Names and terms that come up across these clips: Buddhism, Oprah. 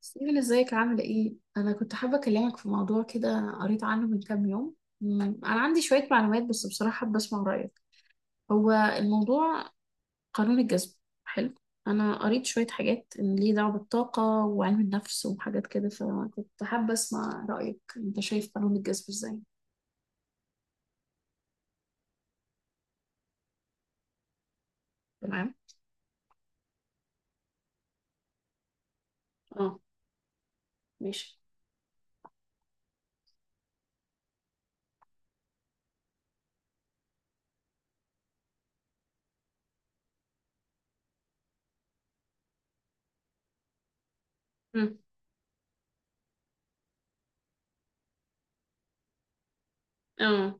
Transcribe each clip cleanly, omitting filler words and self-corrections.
سيفل، ازيك؟ عاملة ايه؟ أنا كنت حابة أكلمك في موضوع كده، قريت عنه من كام يوم. أنا عندي شوية معلومات، بس بصراحة حابة أسمع رأيك. هو الموضوع قانون الجذب. حلو. أنا قريت شوية حاجات إن ليه دعوة بالطاقة وعلم النفس وحاجات كده، فكنت حابة أسمع رأيك. أنت شايف قانون الجذب ازاي؟ تمام؟ اه. ماشي. مم، اه.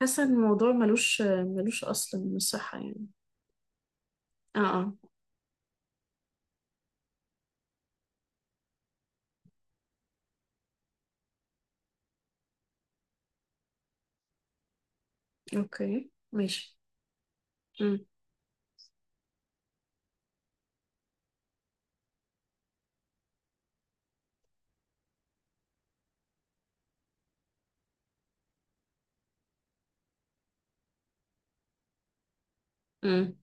حاسة إن الموضوع ملوش أصل من الصحة يعني. اه، اه. اوكي، ماشي. امم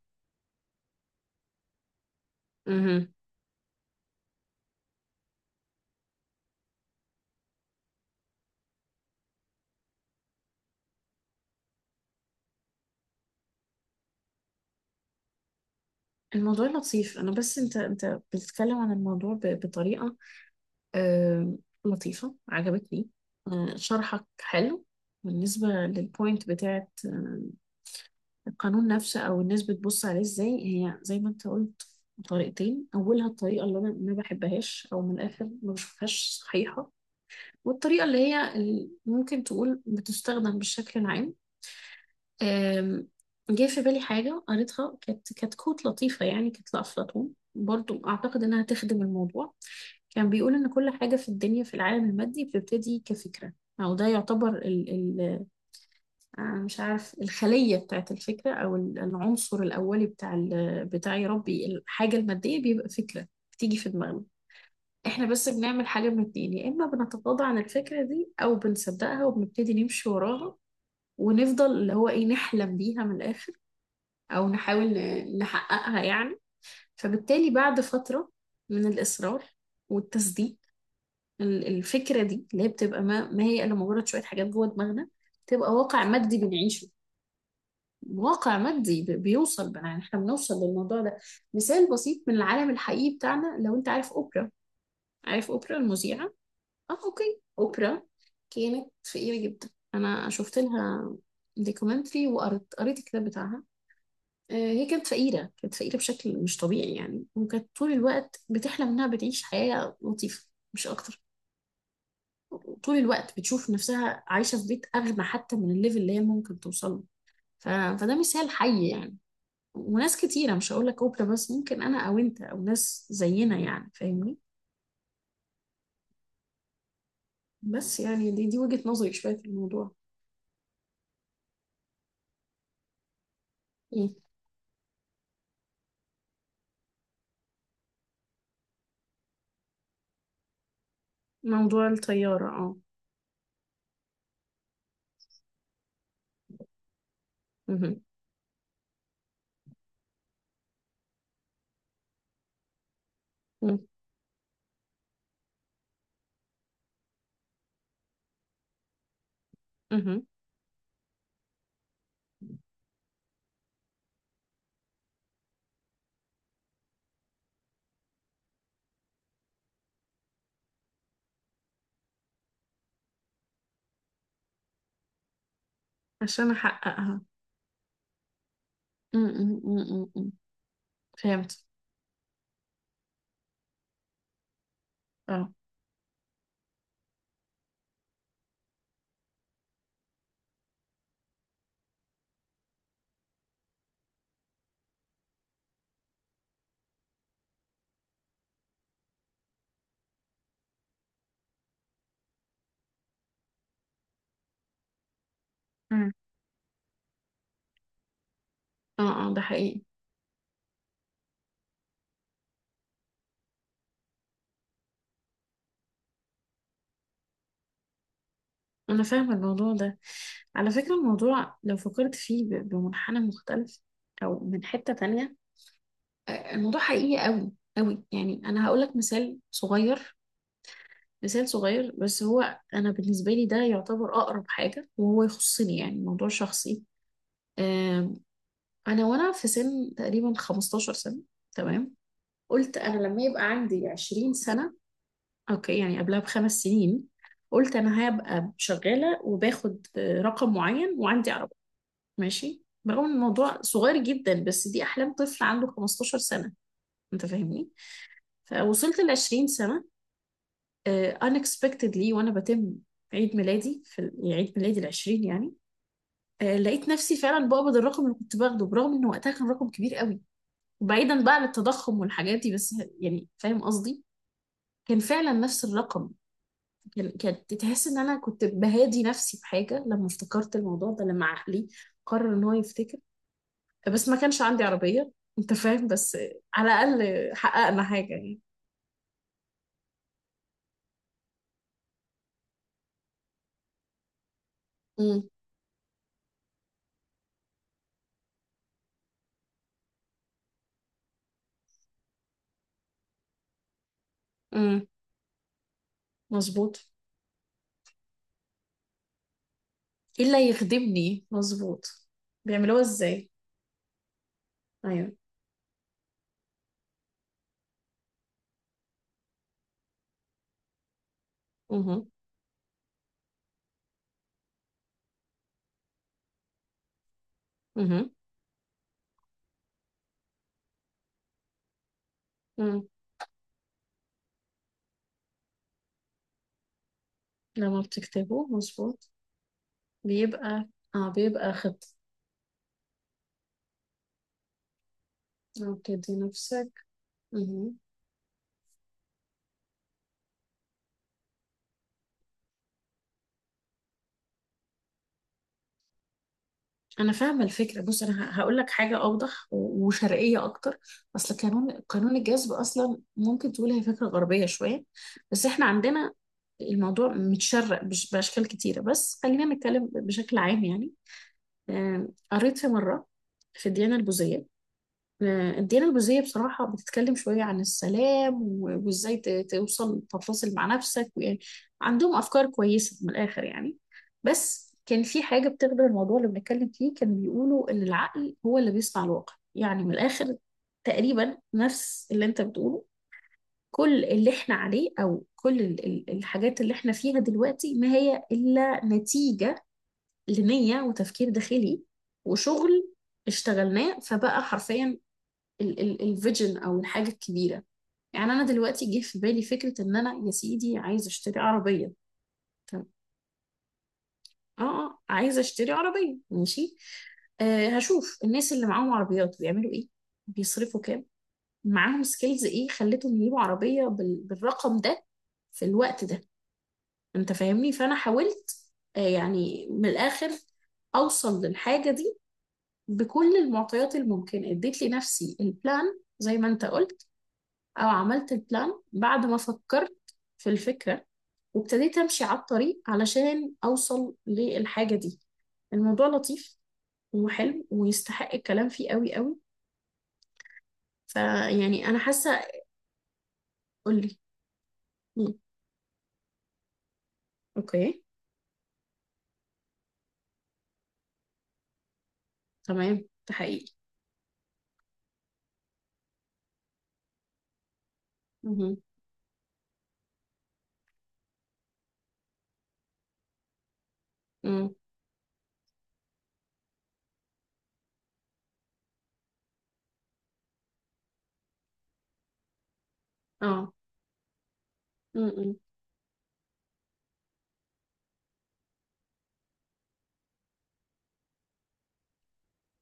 الموضوع لطيف. انا بس انت بتتكلم عن الموضوع بطريقه آه، لطيفه، عجبتني. شرحك حلو. بالنسبه للبوينت بتاعت القانون نفسه، او الناس بتبص عليه ازاي؟ هي زي ما انت قلت، طريقتين. اولها الطريقه اللي انا ما بحبهاش او من الاخر ما بشوفهاش صحيحه، والطريقه اللي هي ممكن تقول بتستخدم بالشكل العام. أم، جه في بالي حاجة قريتها، كانت كوت لطيفة يعني، كانت لأفلاطون، برضو أعتقد إنها تخدم الموضوع. كان بيقول إن كل حاجة في الدنيا في العالم المادي بتبتدي كفكرة، أو ده يعتبر ال ال مش عارف الخلية بتاعت الفكرة، أو العنصر الأولي بتاع بتاع، يا ربي، الحاجة المادية بيبقى فكرة بتيجي في دماغنا. احنا بس بنعمل حاجة من اتنين، يا إما بنتغاضى عن الفكرة دي أو بنصدقها وبنبتدي نمشي وراها ونفضل اللي هو ايه نحلم بيها من الآخر، أو نحاول نحققها يعني. فبالتالي بعد فترة من الإصرار والتصديق، الفكرة دي اللي هي بتبقى ما هي إلا مجرد شوية حاجات جوه دماغنا، تبقى واقع مادي بنعيشه. واقع مادي بيوصل بقى، يعني احنا بنوصل للموضوع ده. مثال بسيط من العالم الحقيقي بتاعنا، لو انت عارف اوبرا، عارف اوبرا المذيعة؟ اه، اوكي. اوبرا كانت فقيرة جدا. انا شفت لها دوكيومنتري وقريت الكتاب بتاعها. هي كانت فقيرة، كانت فقيرة بشكل مش طبيعي يعني، وكانت طول الوقت بتحلم إنها بتعيش حياة لطيفة، مش أكتر. طول الوقت بتشوف نفسها عايشة في بيت أغنى حتى من الليفل اللي هي ممكن توصل له. ف... فده مثال حي يعني. وناس كتيرة، مش هقول لك أوبرا بس، ممكن أنا أو أنت أو ناس زينا يعني، فاهمني. بس يعني دي وجهة نظري شوية في الموضوع. إيه، موضوع الطيارة. اه. مهم. مم. مهم. عشان أحققها. مم. مم. مم. مم. فهمت. اه. مم. اه، اه، ده حقيقي. أنا فاهمة الموضوع ده. على فكرة الموضوع لو فكرت فيه بمنحنى مختلف أو من حتة تانية، الموضوع حقيقي أوي، أوي يعني. أنا هقولك مثال صغير. مثال صغير بس، هو أنا بالنسبة لي ده يعتبر أقرب حاجة وهو يخصني يعني، موضوع شخصي. آم، أنا وأنا في سن تقريبا 15 سنة، تمام. قلت أنا لما يبقى عندي 20 سنة، أوكي، يعني قبلها بخمس سنين، قلت أنا هبقى شغالة وباخد رقم معين وعندي ماشي، برغم ان الموضوع صغير جدا، بس دي احلام طفل عنده 15 سنه. انت فاهمني؟ فوصلت ل 20 سنه، unexpectedly، وانا بتم عيد ميلادي في يعني عيد ميلادي ال 20 يعني، لقيت نفسي فعلا بقبض الرقم اللي كنت باخده، برغم ان وقتها كان رقم كبير قوي وبعيدا بقى عن التضخم والحاجات دي بس، يعني فاهم قصدي، كان فعلا نفس الرقم. كانت تحس ان انا كنت بهادي نفسي بحاجه لما افتكرت الموضوع ده، لما عقلي قرر ان هو يفتكر. بس ما كانش عندي عربية، انت فاهم، بس على الأقل حققنا حاجة يعني. امم. امم. مظبوط. ايه اللي يخدمني؟ مظبوط. بيعملوها ازاي؟ ايوه. امم. امم. امم. لما بتكتبه مظبوط. بيبقى. اه، بيبقى خط. اه، بتدي نفسك. انا فاهمه الفكره. بص انا هقول لك حاجه اوضح وشرقيه اكتر. اصل قانون الجذب اصلا ممكن تقول هي فكره غربيه شويه. بس احنا عندنا الموضوع متشرق باشكال كتيره، بس خلينا نتكلم بشكل عام يعني. قريت في مره في الديانه البوذيه. الديانة البوذية بصراحة بتتكلم شوية عن السلام وازاي توصل تتصل مع نفسك ويعني عندهم أفكار كويسة من الآخر يعني. بس كان في حاجة بتخدم الموضوع اللي بنتكلم فيه، كانوا بيقولوا إن العقل هو اللي بيصنع الواقع يعني، من الآخر تقريبا نفس اللي أنت بتقوله. كل اللي احنا عليه أو كل الحاجات اللي احنا فيها دلوقتي ما هي إلا نتيجة لنية وتفكير داخلي وشغل اشتغلناه، فبقى حرفيا الفيجن او الحاجه الكبيره. يعني انا دلوقتي جه في بالي فكره ان انا، يا سيدي، عايزه اشتري عربيه. طب، اه، اه، عايزه اشتري عربيه، ماشي. آه، هشوف الناس اللي معاهم عربيات بيعملوا ايه، بيصرفوا كام، معاهم سكيلز ايه خلتهم يجيبوا عربيه بالرقم ده في الوقت ده. انت فاهمني؟ فانا حاولت آه يعني من الاخر اوصل للحاجه دي بكل المعطيات الممكنه. اديت لنفسي البلان زي ما انت قلت، او عملت البلان بعد ما فكرت في الفكرة، وابتديت امشي على الطريق علشان اوصل للحاجة دي. الموضوع لطيف وحلو ويستحق الكلام فيه قوي قوي. فيعني انا حاسة. قولي. مم. اوكي. تمام. ده حقيقي. مهم. مم. اه. مم. مم.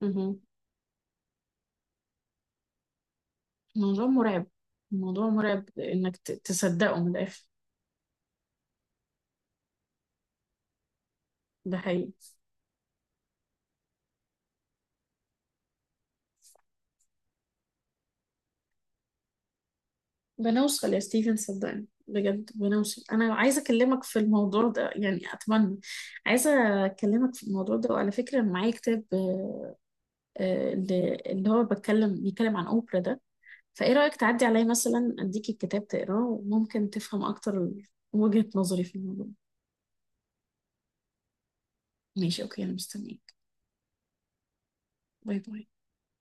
مهم. الموضوع مرعب. الموضوع مرعب انك تصدقه من الاخر. ده حقيقي. بنوصل يا ستيفن، صدقني بجد بنوصل. انا عايزه اكلمك في الموضوع ده يعني اتمنى. عايزه اكلمك في الموضوع ده. وعلى فكره أنا معايا كتاب اللي هو بيتكلم عن اوبرا ده. فايه رايك تعدي عليا مثلا، اديك الكتاب تقراه وممكن تفهم اكتر وجهه نظري في الموضوع. ماشي، اوكي، انا مستنيك. باي باي.